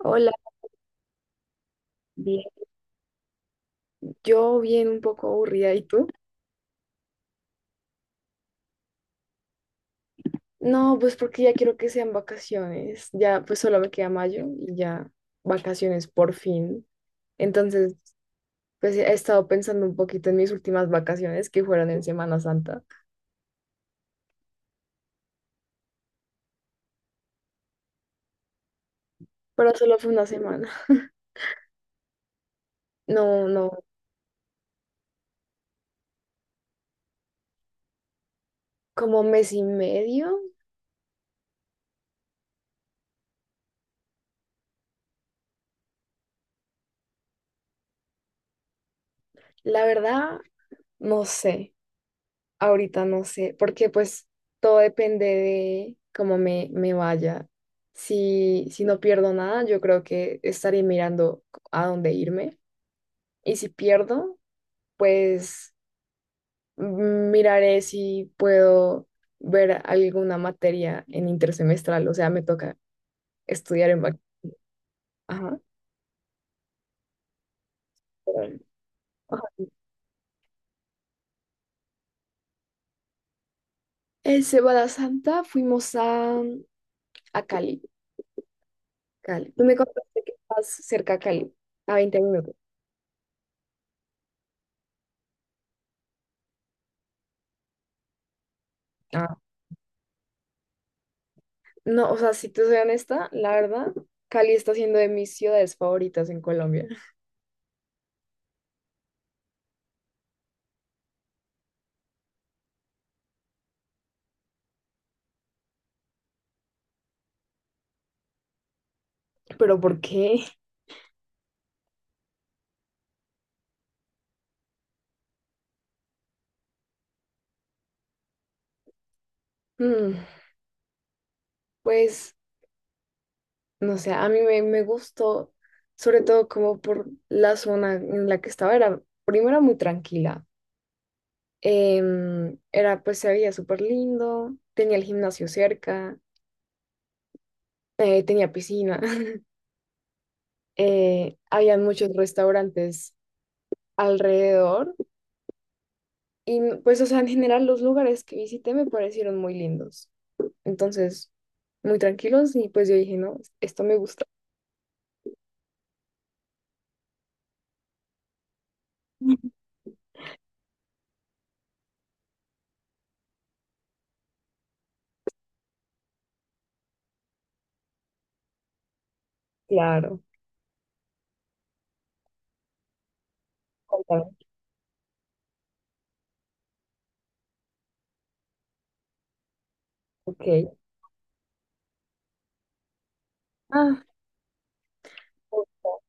Hola, bien. Yo bien un poco aburrida, ¿y tú? No, pues porque ya quiero que sean vacaciones. Ya, pues solo me queda mayo y ya vacaciones por fin. Entonces, pues he estado pensando un poquito en mis últimas vacaciones que fueron en Semana Santa, pero solo fue una semana. No, no, como mes y medio. La verdad, no sé. Ahorita no sé, porque pues todo depende de cómo me vaya. Si no pierdo nada, yo creo que estaré mirando a dónde irme. Y si pierdo, pues miraré si puedo ver alguna materia en intersemestral. O sea, me toca estudiar en... Ajá. pero- ajá. En Semana Santa fuimos a Cali. Cali. Tú me contaste que estás cerca a Cali, a 20 minutos. No, o sea, si te soy honesta, la verdad, Cali está siendo de mis ciudades favoritas en Colombia. ¿Pero por qué? Mm, pues, no sé, a mí me gustó, sobre todo como por la zona en la que estaba. Era, primero, era muy tranquila. Era, pues, se veía súper lindo, tenía el gimnasio cerca, tenía piscina, habían muchos restaurantes alrededor. Y, pues, o sea, en general, los lugares que visité me parecieron muy lindos. Entonces, muy tranquilos y pues yo dije, no, esto me gusta. Claro, cuéntame. Ok. Ah, justo.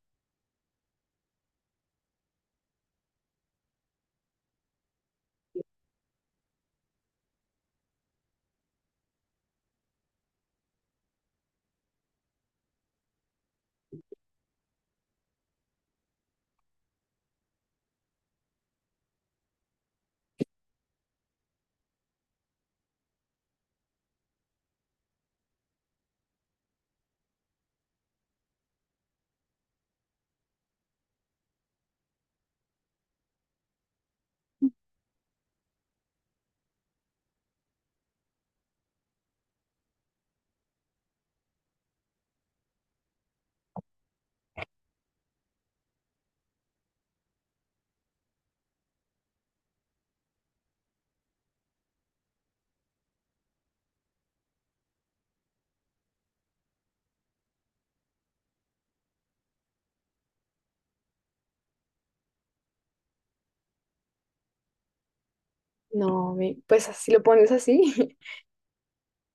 No, pues así lo pones así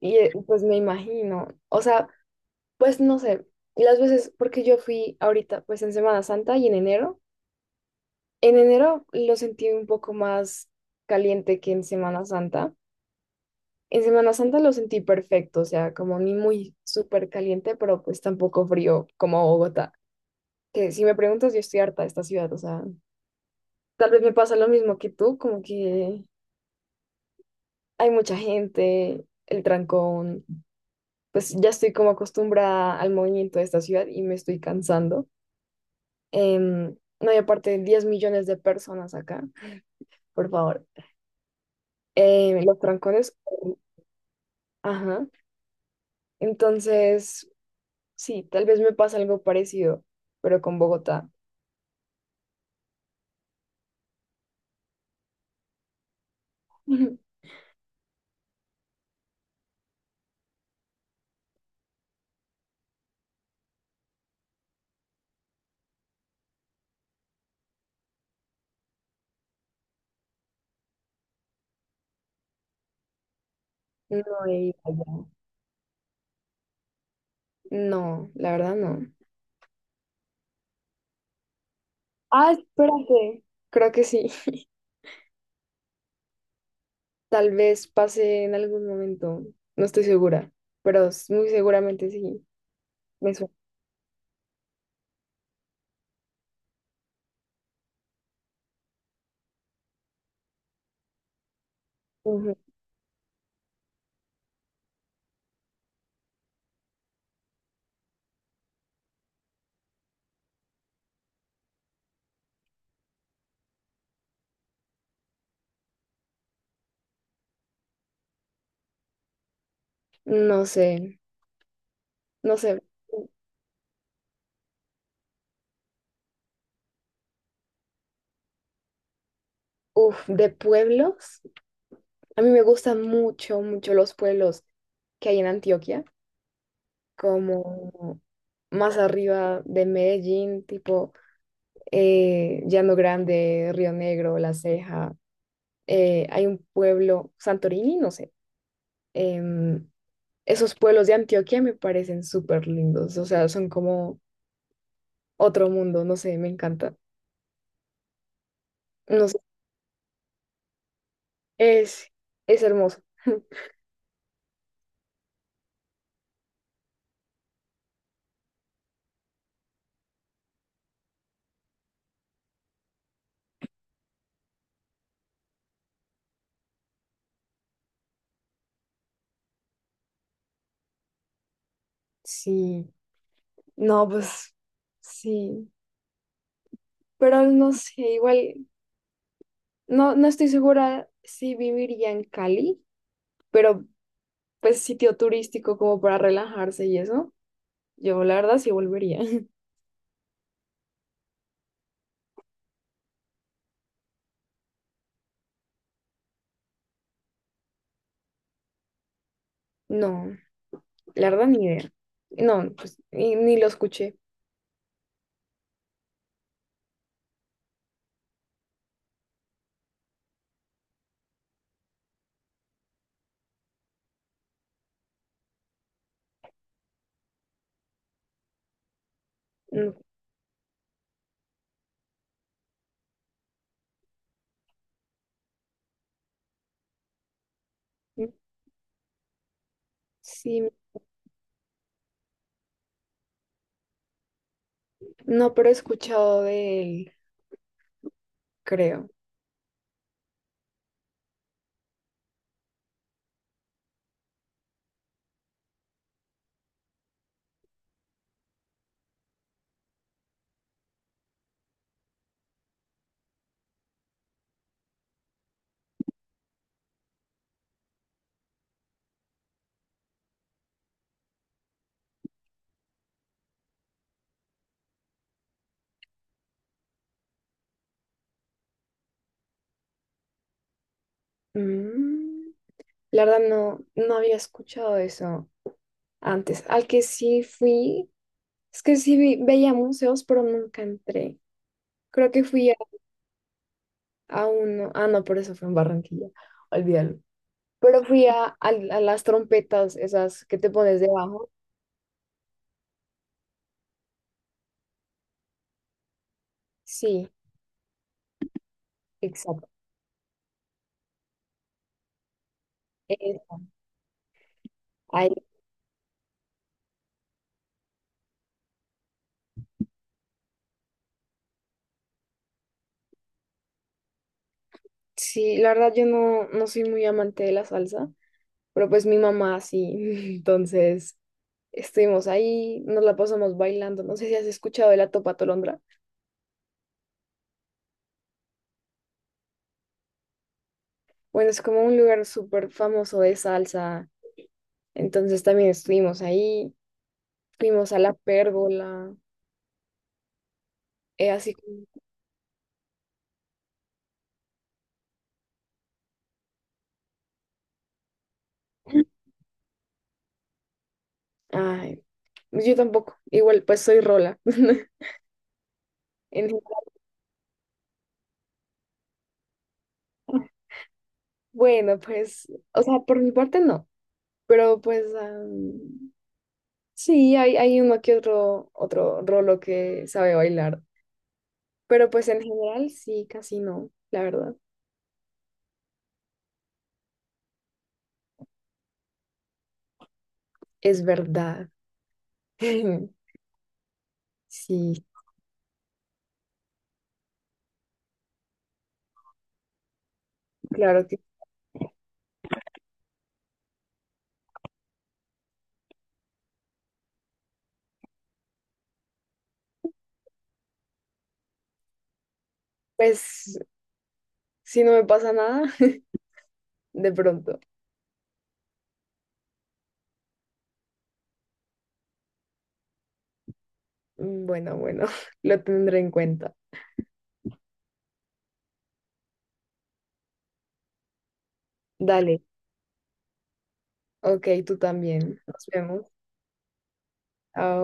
y pues me imagino, o sea, pues no sé, las veces, porque yo fui ahorita, pues en Semana Santa y en enero lo sentí un poco más caliente que en Semana Santa. En Semana Santa lo sentí perfecto, o sea, como ni muy súper caliente, pero pues tampoco frío como Bogotá, que si me preguntas, yo estoy harta de esta ciudad, o sea, tal vez me pasa lo mismo que tú, como que hay mucha gente, el trancón, pues ya estoy como acostumbrada al movimiento de esta ciudad y me estoy cansando. No hay aparte de 10 millones de personas acá, por favor. Los trancones, ajá. Entonces, sí, tal vez me pasa algo parecido, pero con Bogotá. No he ido allá. No, la verdad no. Ah, espérate. Creo que sí. Tal vez pase en algún momento, no estoy segura, pero muy seguramente sí. Me suena. Ujú. No sé, no sé. Uf, de pueblos. A mí me gustan mucho, mucho los pueblos que hay en Antioquia, como más arriba de Medellín, tipo Llano Grande, Río Negro, La Ceja. Hay un pueblo, Santorini, no sé. em, Esos pueblos de Antioquia me parecen súper lindos, o sea, son como otro mundo, no sé, me encanta. No sé, es, es hermoso. Sí, no, pues sí, pero no sé, igual, no, no estoy segura si viviría en Cali, pero pues sitio turístico como para relajarse y eso, yo la verdad sí volvería. No, la verdad ni idea. No, pues ni lo escuché. Mm, mm, sí, no, pero he escuchado de él, creo. Mm, la verdad no había escuchado eso antes. Al que sí fui, es que sí veía museos, pero nunca entré. Creo que fui a uno, ah, no, por eso fue en Barranquilla, olvídalo. Pero fui a las trompetas, esas que te pones debajo. Sí, exacto. Eh, Ahí, sí, la verdad yo no soy muy amante de la salsa, pero pues mi mamá sí, entonces estuvimos ahí, nos la pasamos bailando. No sé si has escuchado de la Topa Tolondra. Bueno, es como un lugar súper famoso de salsa. Entonces también estuvimos ahí, fuimos a la pérgola, así como, ay, pues, yo tampoco, igual pues soy rola. En general. Bueno, pues, o sea, por mi parte no, pero pues sí, hay uno que otro rolo que sabe bailar, pero pues en general sí, casi no, la verdad, es verdad. Sí, claro que, pues, si no me pasa nada, de pronto. Mm, bueno, bueno, lo tendré en cuenta. Dale, ok, tú también. Nos vemos. Chao.